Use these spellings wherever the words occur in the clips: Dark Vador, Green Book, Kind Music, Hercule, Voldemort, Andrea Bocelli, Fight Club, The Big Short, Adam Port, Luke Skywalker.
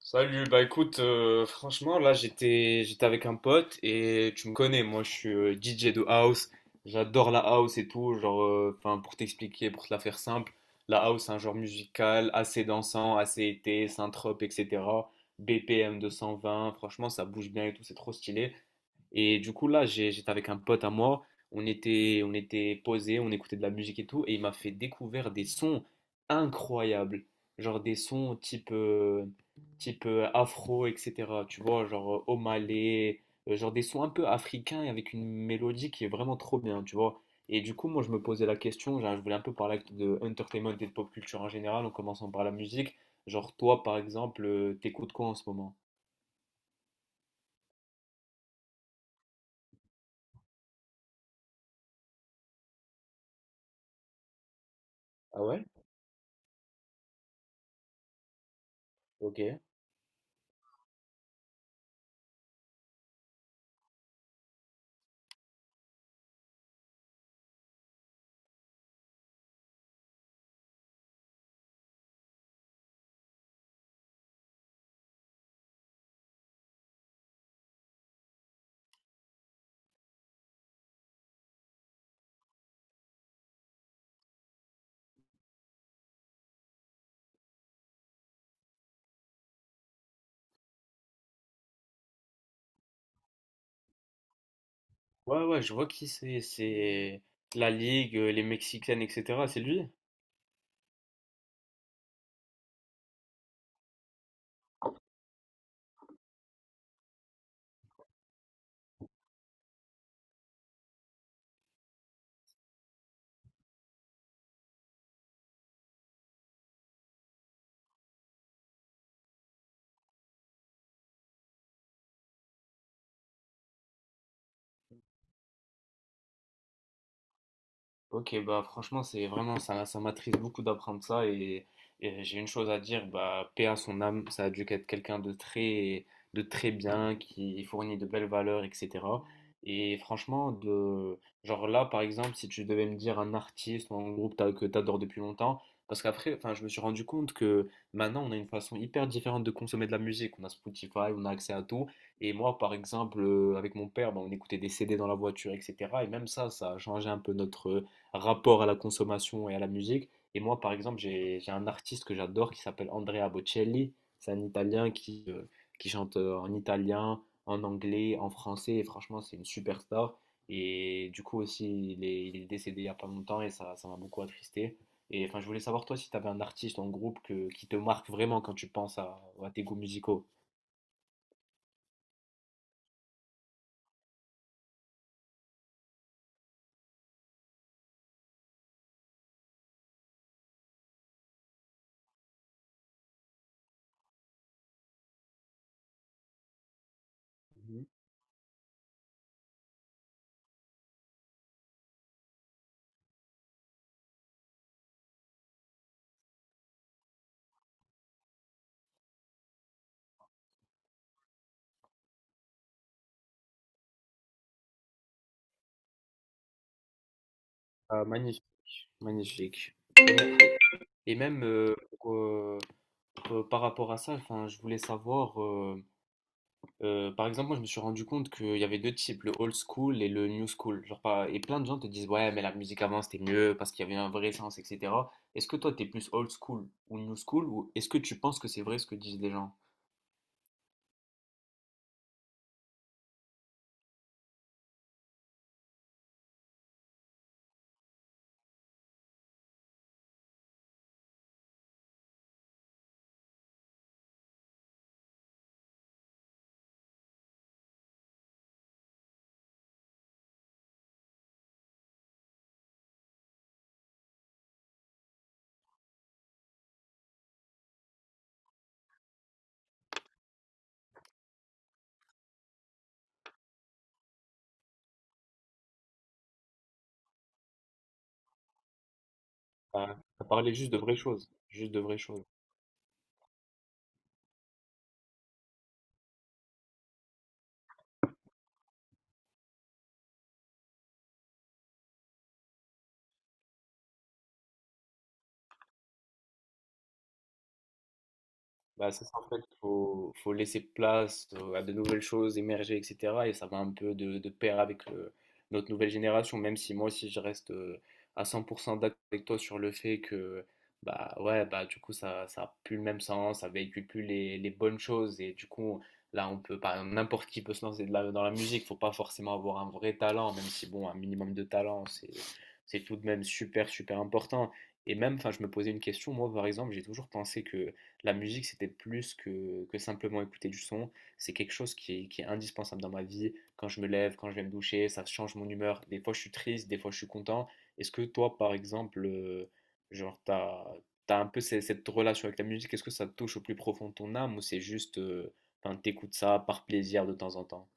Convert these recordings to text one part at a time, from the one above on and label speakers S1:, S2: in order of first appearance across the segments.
S1: Salut, bah écoute, franchement, là j'étais avec un pote et tu me connais, moi je suis DJ de house, j'adore la house et tout, genre, enfin pour t'expliquer, pour te la faire simple, la house c'est un genre musical assez dansant, assez été, synthrope, etc. BPM 220, franchement ça bouge bien et tout, c'est trop stylé. Et du coup, là, j'étais avec un pote à moi. On était posé, on écoutait de la musique et tout. Et il m'a fait découvrir des sons incroyables. Genre des sons type, afro, etc. Tu vois, genre Omalé, genre des sons un peu africains et avec une mélodie qui est vraiment trop bien, tu vois. Et du coup, moi, je me posais la question, genre, je voulais un peu parler de entertainment et de pop culture en général, en commençant par la musique. Genre, toi, par exemple, t'écoutes quoi en ce moment? Ah ouais? Ok. Ouais, ouais, je vois qui c'est. C'est la Ligue, les Mexicaines, etc. C'est lui? Ok, bah franchement, c'est vraiment, ça m'attriste beaucoup d'apprendre ça, et j'ai une chose à dire, bah paix à son âme, ça a dû être quelqu'un de très bien, qui fournit de belles valeurs, etc. Et franchement, de, genre là, par exemple, si tu devais me dire un artiste ou un groupe que t'adores depuis longtemps, parce qu'après, enfin, je me suis rendu compte que maintenant, on a une façon hyper différente de consommer de la musique. On a Spotify, on a accès à tout. Et moi, par exemple, avec mon père, bah, on écoutait des CD dans la voiture, etc. Et même ça, ça a changé un peu notre rapport à la consommation et à la musique. Et moi, par exemple, j'ai un artiste que j'adore qui s'appelle Andrea Bocelli. C'est un Italien qui chante en italien, en anglais, en français. Et franchement, c'est une superstar. Et du coup aussi, il est décédé il n'y a pas longtemps et ça m'a beaucoup attristé. Et enfin, je voulais savoir toi si tu avais un artiste en groupe que, qui te marque vraiment quand tu penses à tes goûts musicaux. Mhm. Ah, magnifique, magnifique. Et même, par rapport à ça, enfin, je voulais savoir, par exemple, moi je me suis rendu compte qu'il y avait deux types, le old school et le new school. Genre, et plein de gens te disent, ouais, mais la musique avant c'était mieux parce qu'il y avait un vrai sens, etc. Est-ce que toi t'es plus old school ou new school, ou est-ce que tu penses que c'est vrai ce que disent les gens? Bah, t'as parlé juste de vraies choses, juste de vraies choses. Bah, c'est ça, en fait, faut, faut laisser place à de nouvelles choses émerger, etc. Et ça va un peu de pair avec notre nouvelle génération, même si moi aussi je reste à 100% d'accord avec toi sur le fait que, bah ouais, bah du coup, ça a plus le même sens, ça véhicule plus les bonnes choses. Et du coup, là, on peut, par exemple, n'importe qui peut se lancer dans la musique, faut pas forcément avoir un vrai talent, même si, bon, un minimum de talent, c'est tout de même super, super important. Et même, enfin, je me posais une question, moi, par exemple, j'ai toujours pensé que la musique, c'était plus que simplement écouter du son. C'est quelque chose qui est indispensable dans ma vie. Quand je me lève, quand je vais me doucher, ça change mon humeur. Des fois, je suis triste, des fois, je suis content. Est-ce que toi, par exemple, genre, t'as un peu cette relation avec la musique? Est-ce que ça te touche au plus profond de ton âme ou c'est juste, enfin, t'écoutes ça par plaisir de temps en temps?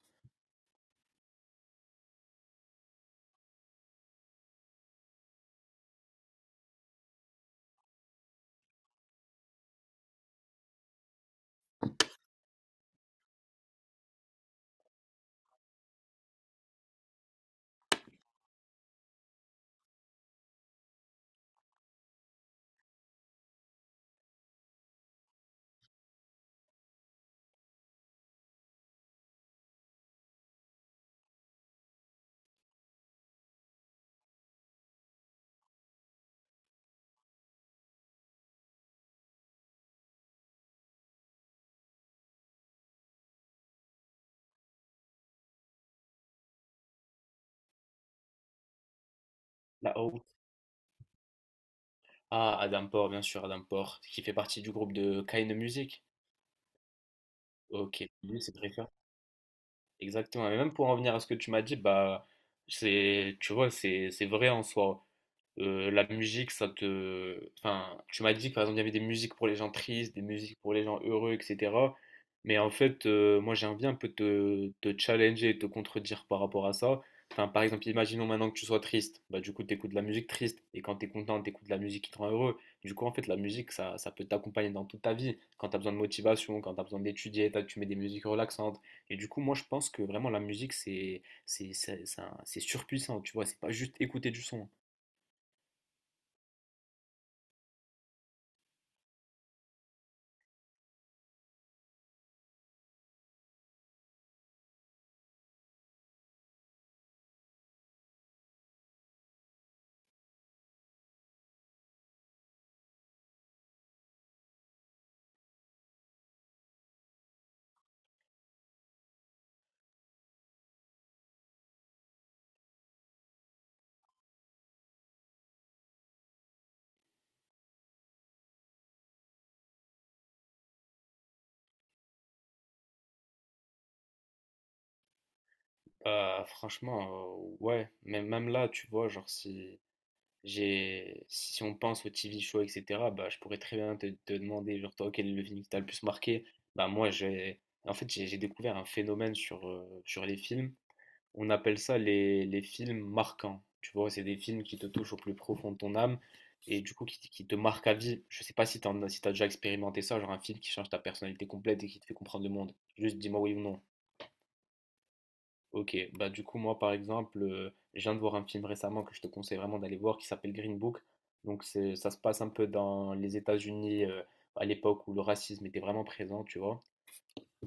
S1: La Hope. Ah, Adam Port, bien sûr, Adam Port, qui fait partie du groupe de Kind Music. Ok, lui, c'est très. Exactement. Et même pour en venir à ce que tu m'as dit, bah, tu vois, c'est vrai en soi. La musique, ça te... Enfin, tu m'as dit que par exemple, il y avait des musiques pour les gens tristes, des musiques pour les gens heureux, etc. Mais en fait, moi, j'ai envie un peu de te challenger et te contredire par rapport à ça. Enfin, par exemple, imaginons maintenant que tu sois triste. Bah, du coup, tu écoutes de la musique triste. Et quand tu es content, tu écoutes de la musique qui te rend heureux. Du coup, en fait, la musique, ça peut t'accompagner dans toute ta vie. Quand tu as besoin de motivation, quand tu as besoin d'étudier, tu mets des musiques relaxantes. Et du coup, moi, je pense que vraiment, la musique, c'est surpuissant. Tu vois, c'est pas juste écouter du son. Franchement, ouais, mais même là, tu vois, genre si on pense au TV show, etc., bah je pourrais très bien te demander, genre toi, quel est le film qui t'a le plus marqué? Bah moi j'ai en fait j'ai découvert un phénomène sur, sur les films. On appelle ça les films marquants. Tu vois, c'est des films qui te touchent au plus profond de ton âme et du coup qui te marquent à vie. Je sais pas si t'en as, si t'as déjà expérimenté ça, genre un film qui change ta personnalité complète et qui te fait comprendre le monde. Juste dis-moi oui ou non. Ok, bah du coup moi par exemple, je viens de voir un film récemment que je te conseille vraiment d'aller voir qui s'appelle Green Book. Donc c'est, ça se passe un peu dans les États-Unis à l'époque où le racisme était vraiment présent, tu vois.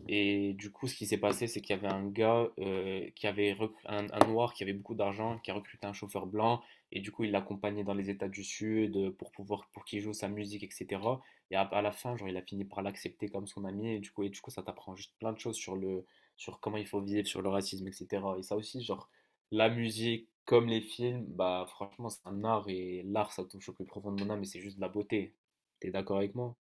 S1: Et du coup, ce qui s'est passé, c'est qu'il y avait un gars un noir qui avait beaucoup d'argent, qui a recruté un chauffeur blanc, et du coup, il l'accompagnait dans les États du Sud pour pouvoir pour qu'il joue sa musique, etc. Et à la fin, genre, il a fini par l'accepter comme son ami, et du coup, ça t'apprend juste plein de choses sur le sur comment il faut vivre, sur le racisme, etc. Et ça aussi, genre, la musique comme les films, bah franchement, c'est un art, et l'art, ça touche au plus profond de mon âme, et c'est juste de la beauté. T'es d'accord avec moi?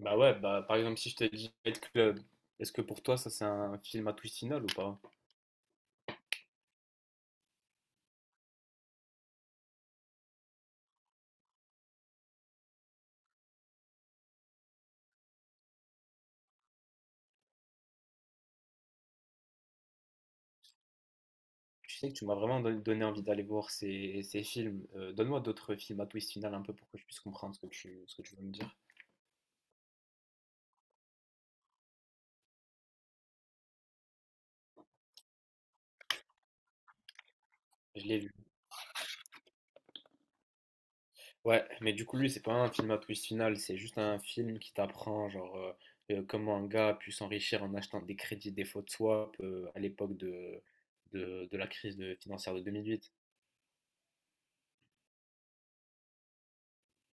S1: Bah ouais, bah par exemple, si je te dis Fight Club, est-ce que pour toi ça c'est un film à twist final ou pas? Tu sais que tu m'as vraiment donné envie d'aller voir ces, ces films. Donne-moi d'autres films à twist final un peu pour que je puisse comprendre ce que tu veux me dire. Je l'ai vu. Ouais, mais du coup lui c'est pas un film à twist final, c'est juste un film qui t'apprend genre comment un gars a pu s'enrichir en achetant des crédits des faux de swap à l'époque de la crise financière de 2008.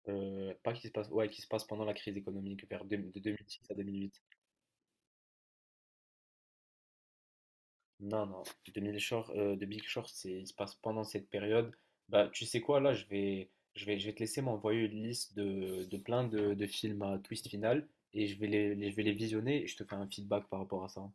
S1: Pas qui se passe, ouais, qui se passe pendant la crise économique vers de 2006 à 2008. Non, non. The Big Short, The Big Short, c'est, il se passe pendant cette période. Bah, tu sais quoi, là, je vais te laisser m'envoyer une liste de plein de films à twist final et je vais je vais les visionner et je te fais un feedback par rapport à ça.